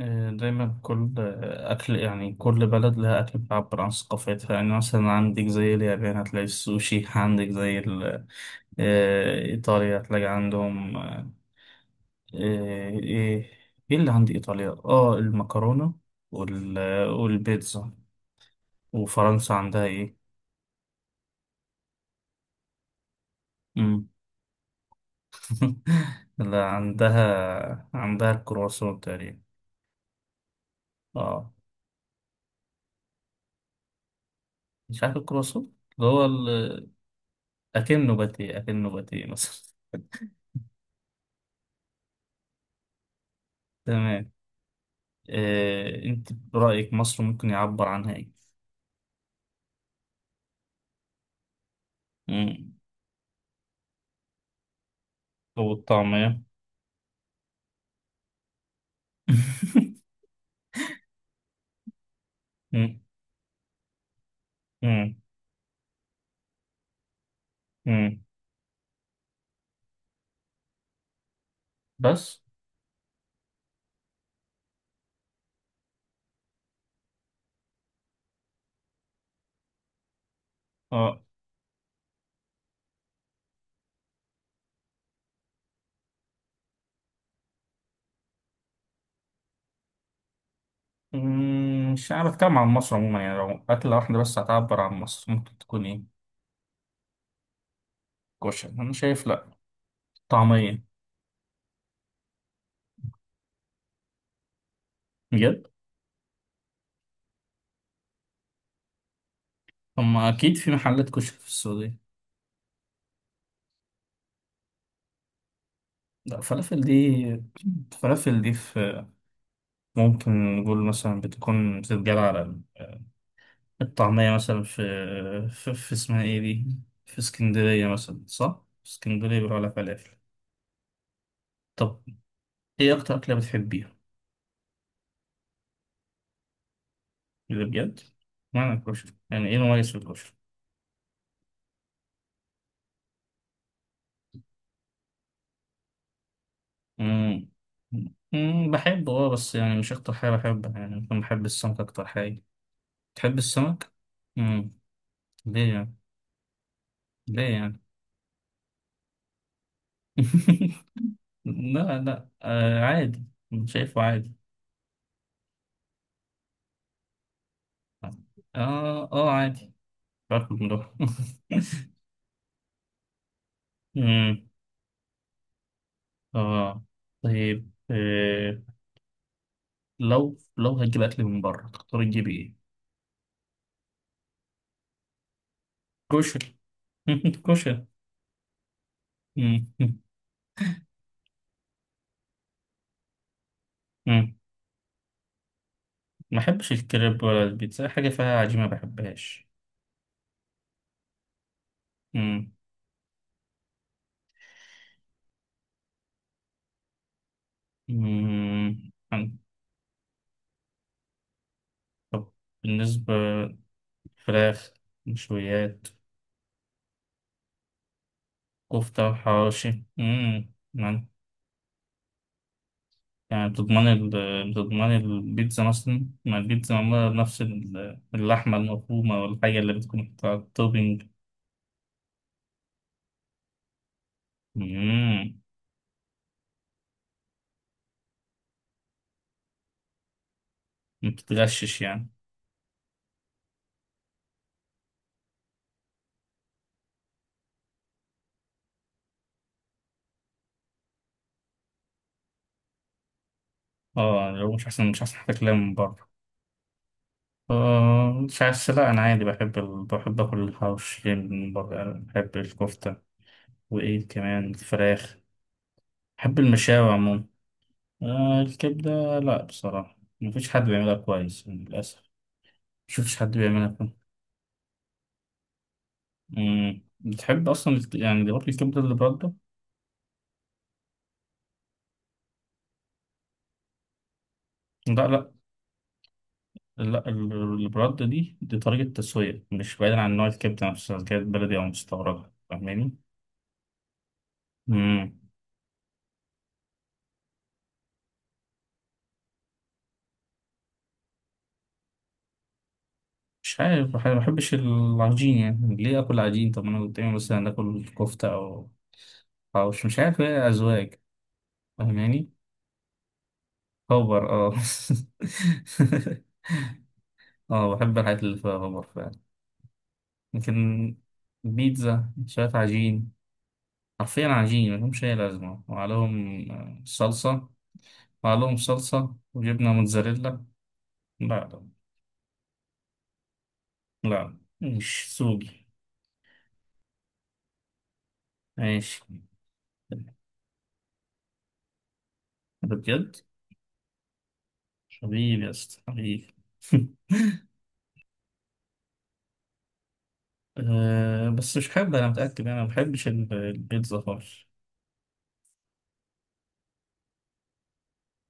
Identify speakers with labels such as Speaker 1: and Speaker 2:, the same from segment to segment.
Speaker 1: دايما كل آه، أكل، يعني كل بلد لها أكل بيعبر عن ثقافتها. يعني مثلا عندك زي اليابان هتلاقي السوشي، عندك زي إيطاليا هتلاقي عندهم، إيه. إيه اللي عند إيطاليا؟ المكرونة، وال والبيتزا. وفرنسا عندها إيه؟ مم. لا، عندها الكرواسون تقريبا. آه. مش عارف الكرواسون، اللي هو ال-. أكنه باتيه مثلا. تمام. انت برأيك مصر ممكن يعبر عنها ايه؟ مم. أو الطعمية. مم. مم. مم. بس. اه. مم. مش عارف، اتكلم عن مصر عموما، يعني لو أكلة واحدة بس هتعبر عن مصر ممكن تكون ايه؟ كشري أنا شايف لأ. طعمية. بجد؟ أما أكيد في محلات كشري في السعودية. لأ فلافل دي، فلافل دي، في ممكن نقول مثلا بتكون بتتجاب على الطعمية مثلا في، في اسمها ايه دي، في اسكندرية مثلا صح؟ في اسكندرية بيقولوا عليها فلافل. طب ايه أكتر أكلة بتحبيها؟ اللي بجد؟ معنى الكشري، يعني ايه المميز في الكشري؟ مم. مم. بحبه اه، بس يعني مش أكتر حاجة بحبها، يعني ممكن بحب السمك أكتر حاجة. تحب السمك؟ مم. ليه يعني؟ ليه يعني؟ لا لا، آه عادي. شايفه عادي. اه اه، عادي، باكل من ده. مم. اه. طيب. لو هتجيب اكل من بره تختار تجيب ايه؟ كشري. كشري. مم. مم. ما بحبش الكريب ولا البيتزا، أي حاجه فيها عجينه ما بحبهاش. مم. مم. عن-. طب، بالنسبه، فراخ، مشويات، كفته وحواوشي. مم. يعني، يعني بتضمن ال... بتضمن البيتزا مثلا، ما البيتزا معمولة بنفس ال- اللحمة المفرومة، والحاجة اللي بتكون على التوبينج. مم. ما بتتغشش يعني. اه، لو مش احسن مش احسن حتى كلام من بره. مش عارف، لا انا عادي بحب ال... بحب اكل الحواوشي من بره، يعني بحب الكفته. وايه كمان الفراخ. بحب المشاوي عموما. الكبده، لا بصراحه مفيش حد بيعملها كويس يعني للاسف. مشفتش حد بيعملها كويس. مم. بتحب اصلا الك-، يعني اللي برضه الكبده اللي برده. لا لا. لا، ال- اللي برده دي طريقه تسويه، مش بعيدا عن نوع الكبده نفسها، كانت بلدي او مستورده، فاهماني. مش عارف، بح- ما بحبش العجين، يعني ليه اكل عجين؟ طب ما انا قدامي مثلا اكل كفته او حوش، مش عارف ايه، ازواج، فاهماني. خبر اه. اه بحب الحاجات اللي فيها خبر فعلا. لكن بيتزا شويه عجين، حرفيا عجين ملهمش اي لازمه، وعليهم صلصه. وعليهم صلصه وجبنه موتزاريلا. لا لا لا، مش سوقي. ماشي. ده بجد؟ حبيبي يا اسطى حبيبي. أه، بس مش حابب، أنا متأكد أنا ما بحبش ال- البيتزا خالص.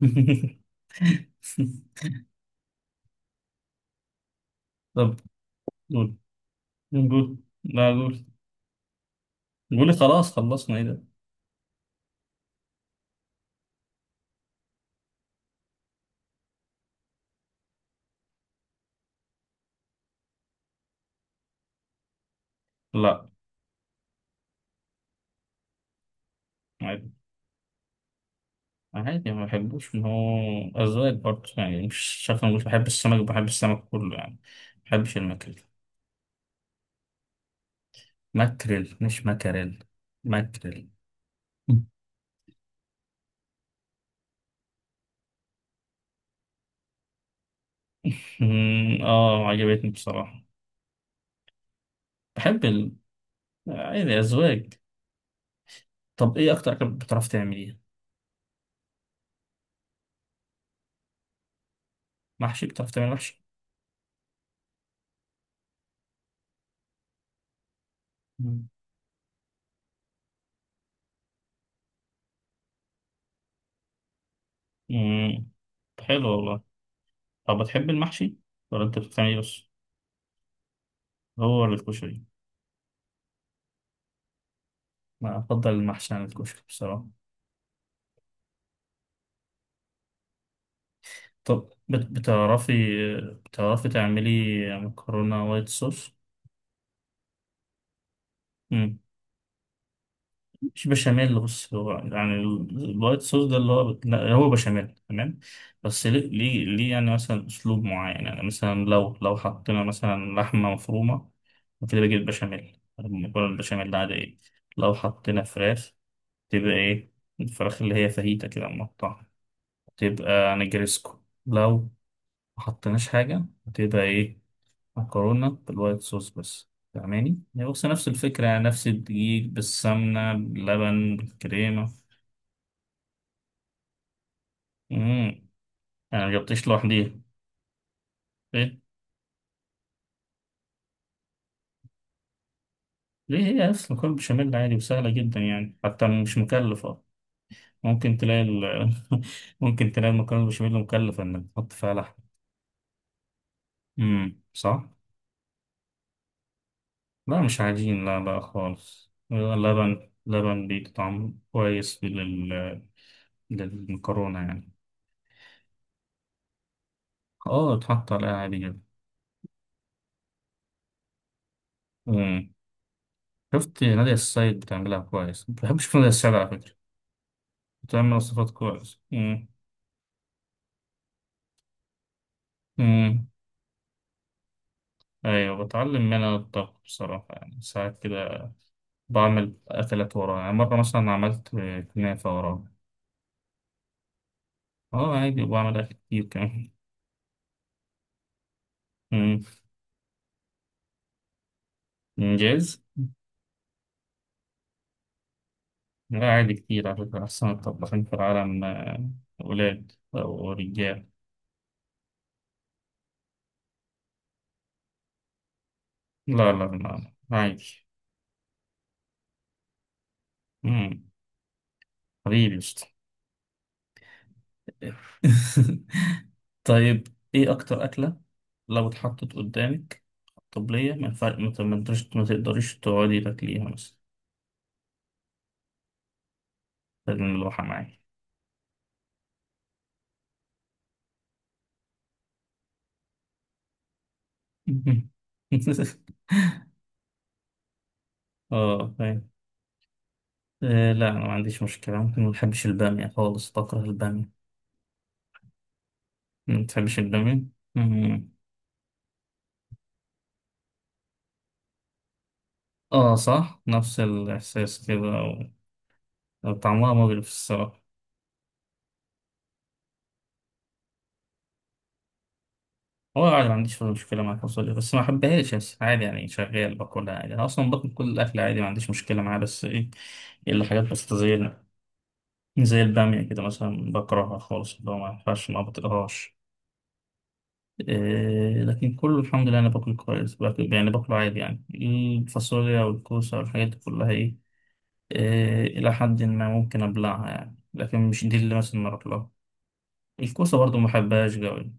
Speaker 1: طب، قول، قول، لا قول، قولي خلاص خلصنا إيه ده. لا عادي. عادي ما بحبوش، ما هو أذواق برضه يعني. مش شايف، أنا مش بحب السمك، بحب السمك كله يعني. ما بحبش الماكريل. ماكريل مش ماكريل. ماكريل. مم، عجبتني بصراحة. بحب ال، عادي أذواق. طب إيه أكتر أكل بتعرف تعمليه؟ محشي. بتعرف تعمل محشي؟ امم حلو والله. طب بتحب المحشي ولا انت بتعمل ايه بس؟ هو ولا الكشري. انا افضل المحشي عن الكشري بصراحه. طب بت- بتعرفي، بتعرفي تعملي مكرونه وايت صوص؟ امم مش بشاميل، بص هو يعني ال- الوايت صوص ده اللي هو بت-، لا، هو بشاميل تمام. بس ليه؟ ليه يعني مثلا اسلوب معين، يعني مثلا لو حطينا مثلا لحمه مفرومه، وكده بيجي البشاميل المكرونه البشاميل العاديه. لو حطينا فراخ تبقى ايه؟ الفراخ اللي هي فاهيتا كده مقطعة، تبقى نجرسكو. لو ما حطيناش حاجة هتبقى ايه؟ مكرونة بالوايت صوص بس، فاهماني، هي بص نفس الفكرة، يعني نفس الدقيق بالسمنة باللبن بالكريمة. مم. أنا مجبتش لوحديها. إيه؟ ليه؟ هي أصلا مكرونة بشاميل عادي وسهلة جدا، يعني حتى مش مكلفة. ممكن تلاقي ال... ممكن تلاقي المكرونة بشاميل مكلفة إنك تحط فيها لحم. صح؟ لا مش عجين، لا لا خالص، لبن، لبن بيدي طعم كويس لل... للمكرونة يعني. اه اتحط عليها عادي جدا. مم. شفت نادية السيد بتعملها كويس، بحب اشوف نادية السيد على فكرة. بتعمل وصفات كويس، مم. مم. ايوه بتعلم منها الطبخ بصراحة، يعني ساعات كده بعمل اكلات وراها، يعني مرة مثلا عملت كنافة وراها. اه عادي، وبعمل اكل كتير كمان. مم. انجاز. لا عادي كتير على فكرة، أحسن الطباخين في العالم، أولاد أو رجال. لا لا لا لا، عادي. مم. حبيبي قشطة. طيب، إيه أكتر أكلة لو اتحطت قدامك طبلية ما ينفع- ما ت- ما تقدرش ما تقدريش تقعدي تاكليها مثلا؟ لازم الواحة معايا. اه فاهم. لا أنا ما عنديش مشكلة، ممكن ما بحبش البامية خالص، بكره البامية. ما بتحبش البامية؟ اه صح، نفس الإحساس كده و-. وطعمها مغري في الصراحة. هو عادي ما عنديش مشكلة مع الفاصوليا، بس ما أحبهاش، بس عادي يعني شغال باكلها عادي. أنا أصلا باكل كل الأكل عادي، ما عنديش مشكلة معاه، بس إيه، إلا حاجات بس زي، زي البامية كده مثلا بكرهها خالص، اللي هو ما ينفعش، ما بطيقهاش. إيه لكن كله الحمد لله، أنا باكل كويس، باكل يعني، باكله عادي، يعني الفاصوليا والكوسة والحاجات دي كلها إيه، إيه، إلى حد ما ممكن أبلعها يعني، لكن مش دي اللي مثلا أروح لها. الكوسة برضو ما بحبهاش قوي.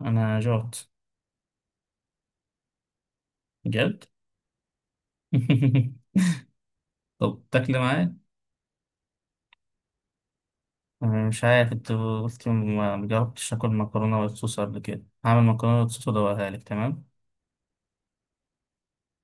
Speaker 1: انا جورت. بجد؟ طب تاكل معايا. أنا مش عارف، انت قلت ما جربتش اكل مكرونه بالصوص قبل كده، هعمل مكرونه بالصوص وادوقها لك. تمام.